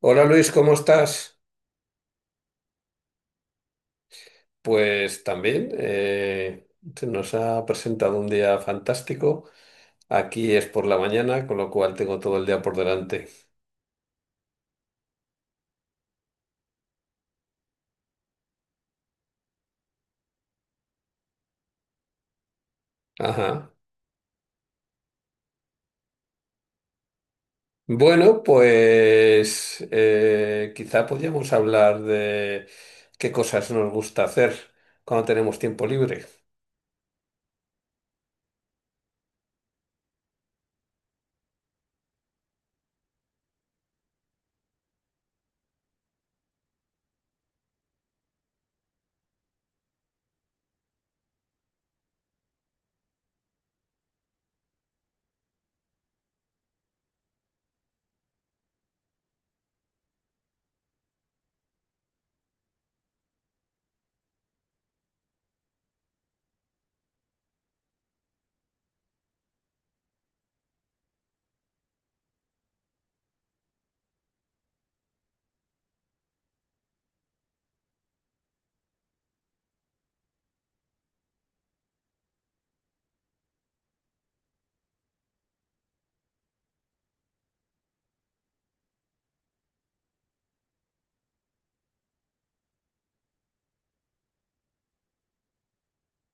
Hola Luis, ¿cómo estás? Pues también, se nos ha presentado un día fantástico. Aquí es por la mañana, con lo cual tengo todo el día por delante. Ajá. Bueno, pues quizá podríamos hablar de qué cosas nos gusta hacer cuando tenemos tiempo libre.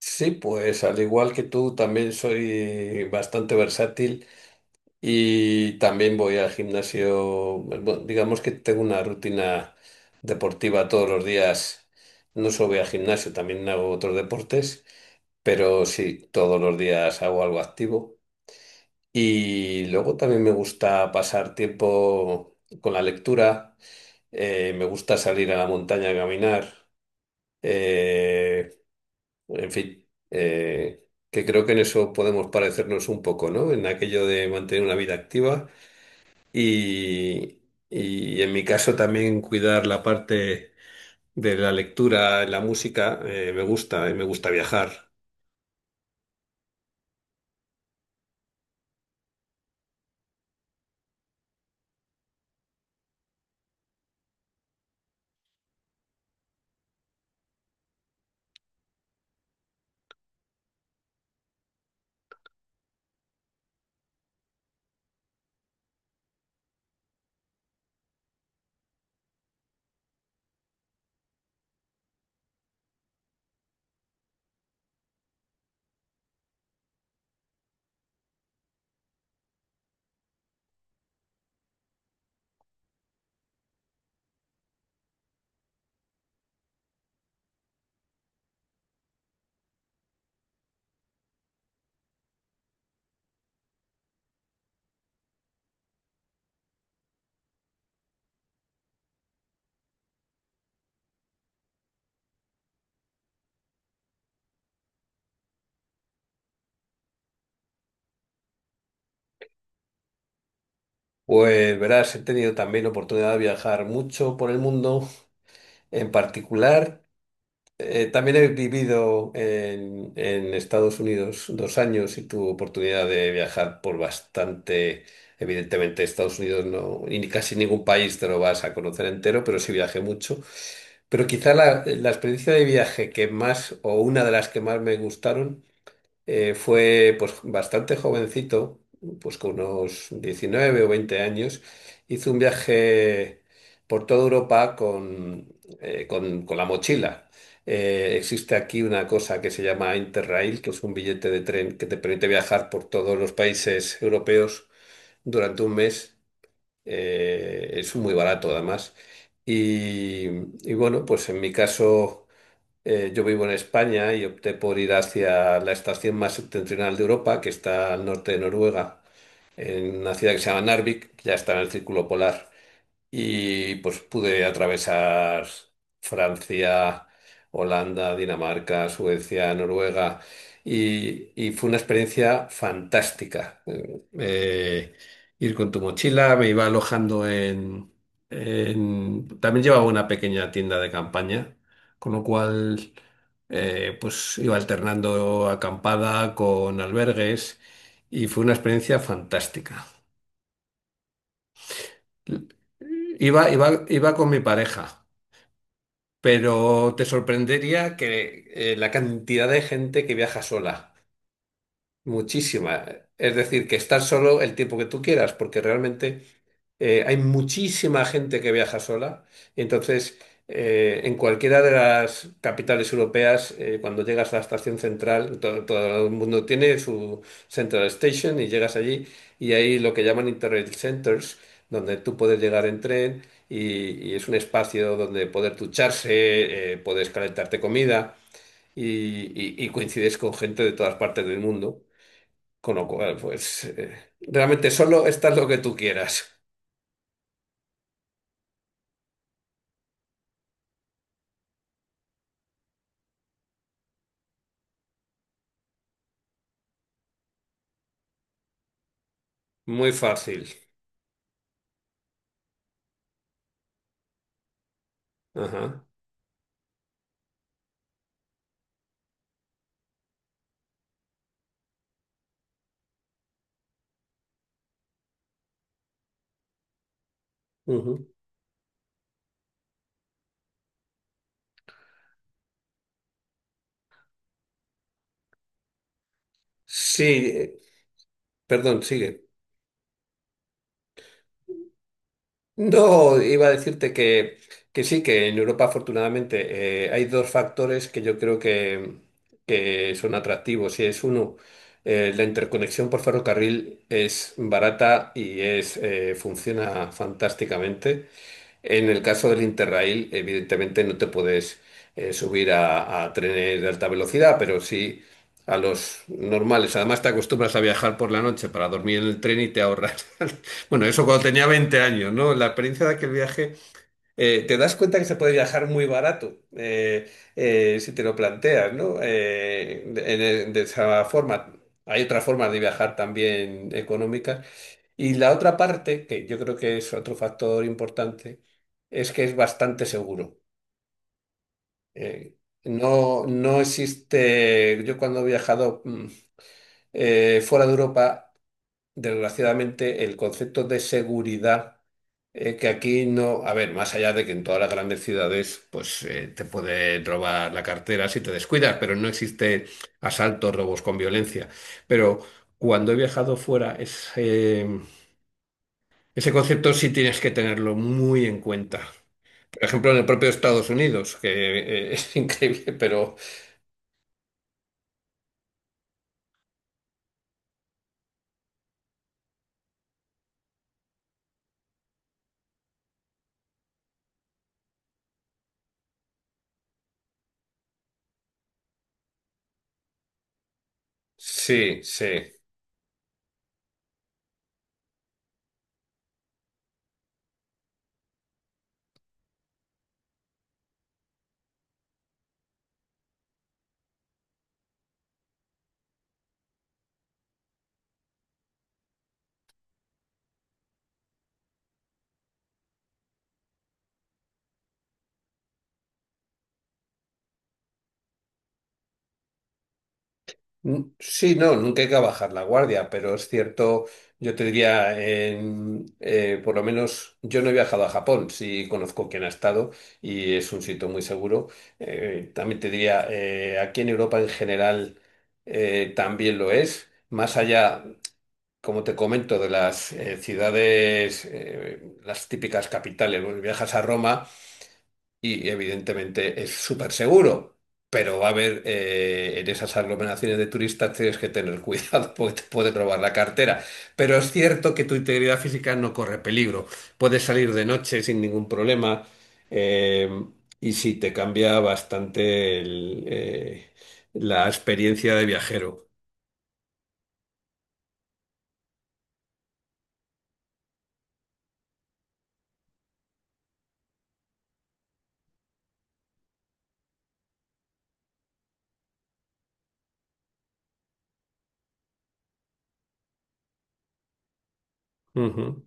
Sí, pues al igual que tú, también soy bastante versátil. Y también voy al gimnasio, bueno, digamos que tengo una rutina deportiva todos los días. No solo voy al gimnasio, también hago otros deportes, pero sí, todos los días hago algo activo. Y luego también me gusta pasar tiempo con la lectura, me gusta salir a la montaña a caminar, eh, en fin, que creo que en eso podemos parecernos un poco, ¿no? En aquello de mantener una vida activa. Y, y en mi caso también cuidar la parte de la lectura, la música, me gusta, y me gusta viajar. Pues verás, he tenido también oportunidad de viajar mucho por el mundo, en particular. También he vivido en Estados Unidos dos años y tuve oportunidad de viajar por bastante. Evidentemente, Estados Unidos no, y ni casi ningún país te lo vas a conocer entero, pero sí viajé mucho. Pero quizá la experiencia de viaje que más, o una de las que más me gustaron, fue pues bastante jovencito, pues con unos 19 o 20 años, hizo un viaje por toda Europa con la mochila. Existe aquí una cosa que se llama Interrail, que es un billete de tren que te permite viajar por todos los países europeos durante un mes. Es muy barato además. Y, y bueno, pues en mi caso... yo vivo en España y opté por ir hacia la estación más septentrional de Europa, que está al norte de Noruega, en una ciudad que se llama Narvik, que ya está en el círculo polar. Y pues pude atravesar Francia, Holanda, Dinamarca, Suecia, Noruega y fue una experiencia fantástica. Ir con tu mochila, me iba alojando también llevaba una pequeña tienda de campaña, con lo cual pues iba alternando acampada con albergues y fue una experiencia fantástica. Iba con mi pareja. Pero te sorprendería que la cantidad de gente que viaja sola. Muchísima. Es decir, que estar solo el tiempo que tú quieras, porque realmente hay muchísima gente que viaja sola. Entonces, en cualquiera de las capitales europeas, cuando llegas a la estación central, todo, el mundo tiene su Central Station y llegas allí y hay lo que llaman Interrail Centers, donde tú puedes llegar en tren y es un espacio donde poder ducharse, puedes calentarte comida y y coincides con gente de todas partes del mundo. Con lo cual, pues realmente solo estás lo que tú quieras. Muy fácil. Ajá. Ujú. Sí, perdón, sigue. No, iba a decirte que sí, que en Europa afortunadamente hay dos factores que yo creo que son atractivos. Y es uno, la interconexión por ferrocarril es barata y es, funciona fantásticamente. En el caso del Interrail, evidentemente no te puedes subir a trenes de alta velocidad, pero sí a los normales. Además, te acostumbras a viajar por la noche para dormir en el tren y te ahorras. Bueno, eso cuando tenía 20 años, ¿no? La experiencia de aquel viaje, te das cuenta que se puede viajar muy barato, si te lo planteas, ¿no? De esa forma. Hay otra forma de viajar también económica y la otra parte, que yo creo que es otro factor importante, es que es bastante seguro. Eh, no, no existe, yo cuando he viajado fuera de Europa, desgraciadamente el concepto de seguridad, que aquí no, a ver, más allá de que en todas las grandes ciudades, pues te puede robar la cartera si te descuidas, pero no existe asaltos, robos con violencia. Pero cuando he viajado fuera, es... ese concepto sí tienes que tenerlo muy en cuenta. Por ejemplo, en el propio Estados Unidos, que es increíble, pero sí, sí. Sí, no, nunca hay que bajar la guardia, pero es cierto, yo te diría, en, por lo menos yo no he viajado a Japón, sí conozco quién ha estado y es un sitio muy seguro. También te diría, aquí en Europa en general también lo es. Más allá, como te comento, de las ciudades, las típicas capitales. Bueno, viajas a Roma y evidentemente es súper seguro, pero va a haber en esas aglomeraciones de turistas tienes que tener cuidado porque te pueden robar la cartera. Pero es cierto que tu integridad física no corre peligro. Puedes salir de noche sin ningún problema, eh, y sí te cambia bastante la experiencia de viajero. Ujú,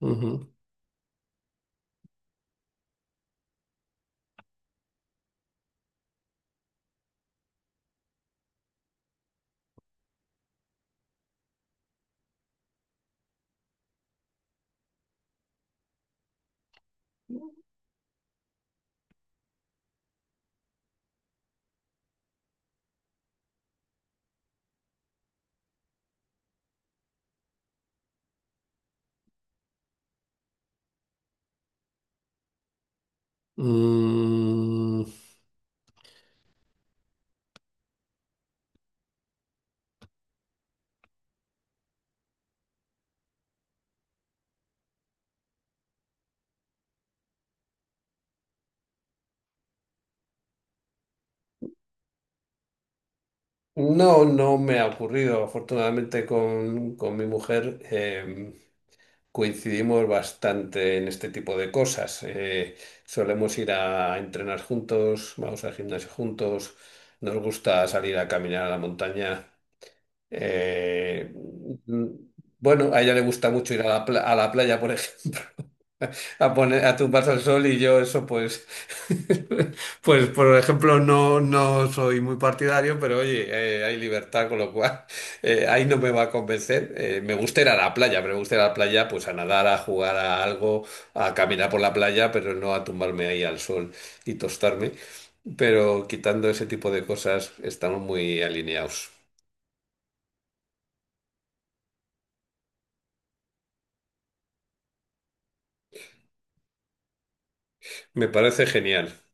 ujú. Mm. No, no me ha ocurrido. Afortunadamente con mi mujer, coincidimos bastante en este tipo de cosas. Solemos ir a entrenar juntos, vamos al gimnasio juntos, nos gusta salir a caminar a la montaña. Eh, mm, bueno, a ella le gusta mucho ir a la, a la playa, por ejemplo, a poner a tumbarse al sol, y yo eso pues pues por ejemplo no, no soy muy partidario, pero oye, hay libertad, con lo cual ahí no me va a convencer. Me gusta ir a la playa, pero me gusta ir a la playa pues a nadar, a jugar a algo, a caminar por la playa, pero no a tumbarme ahí al sol y tostarme. Pero quitando ese tipo de cosas estamos muy alineados. Me parece genial.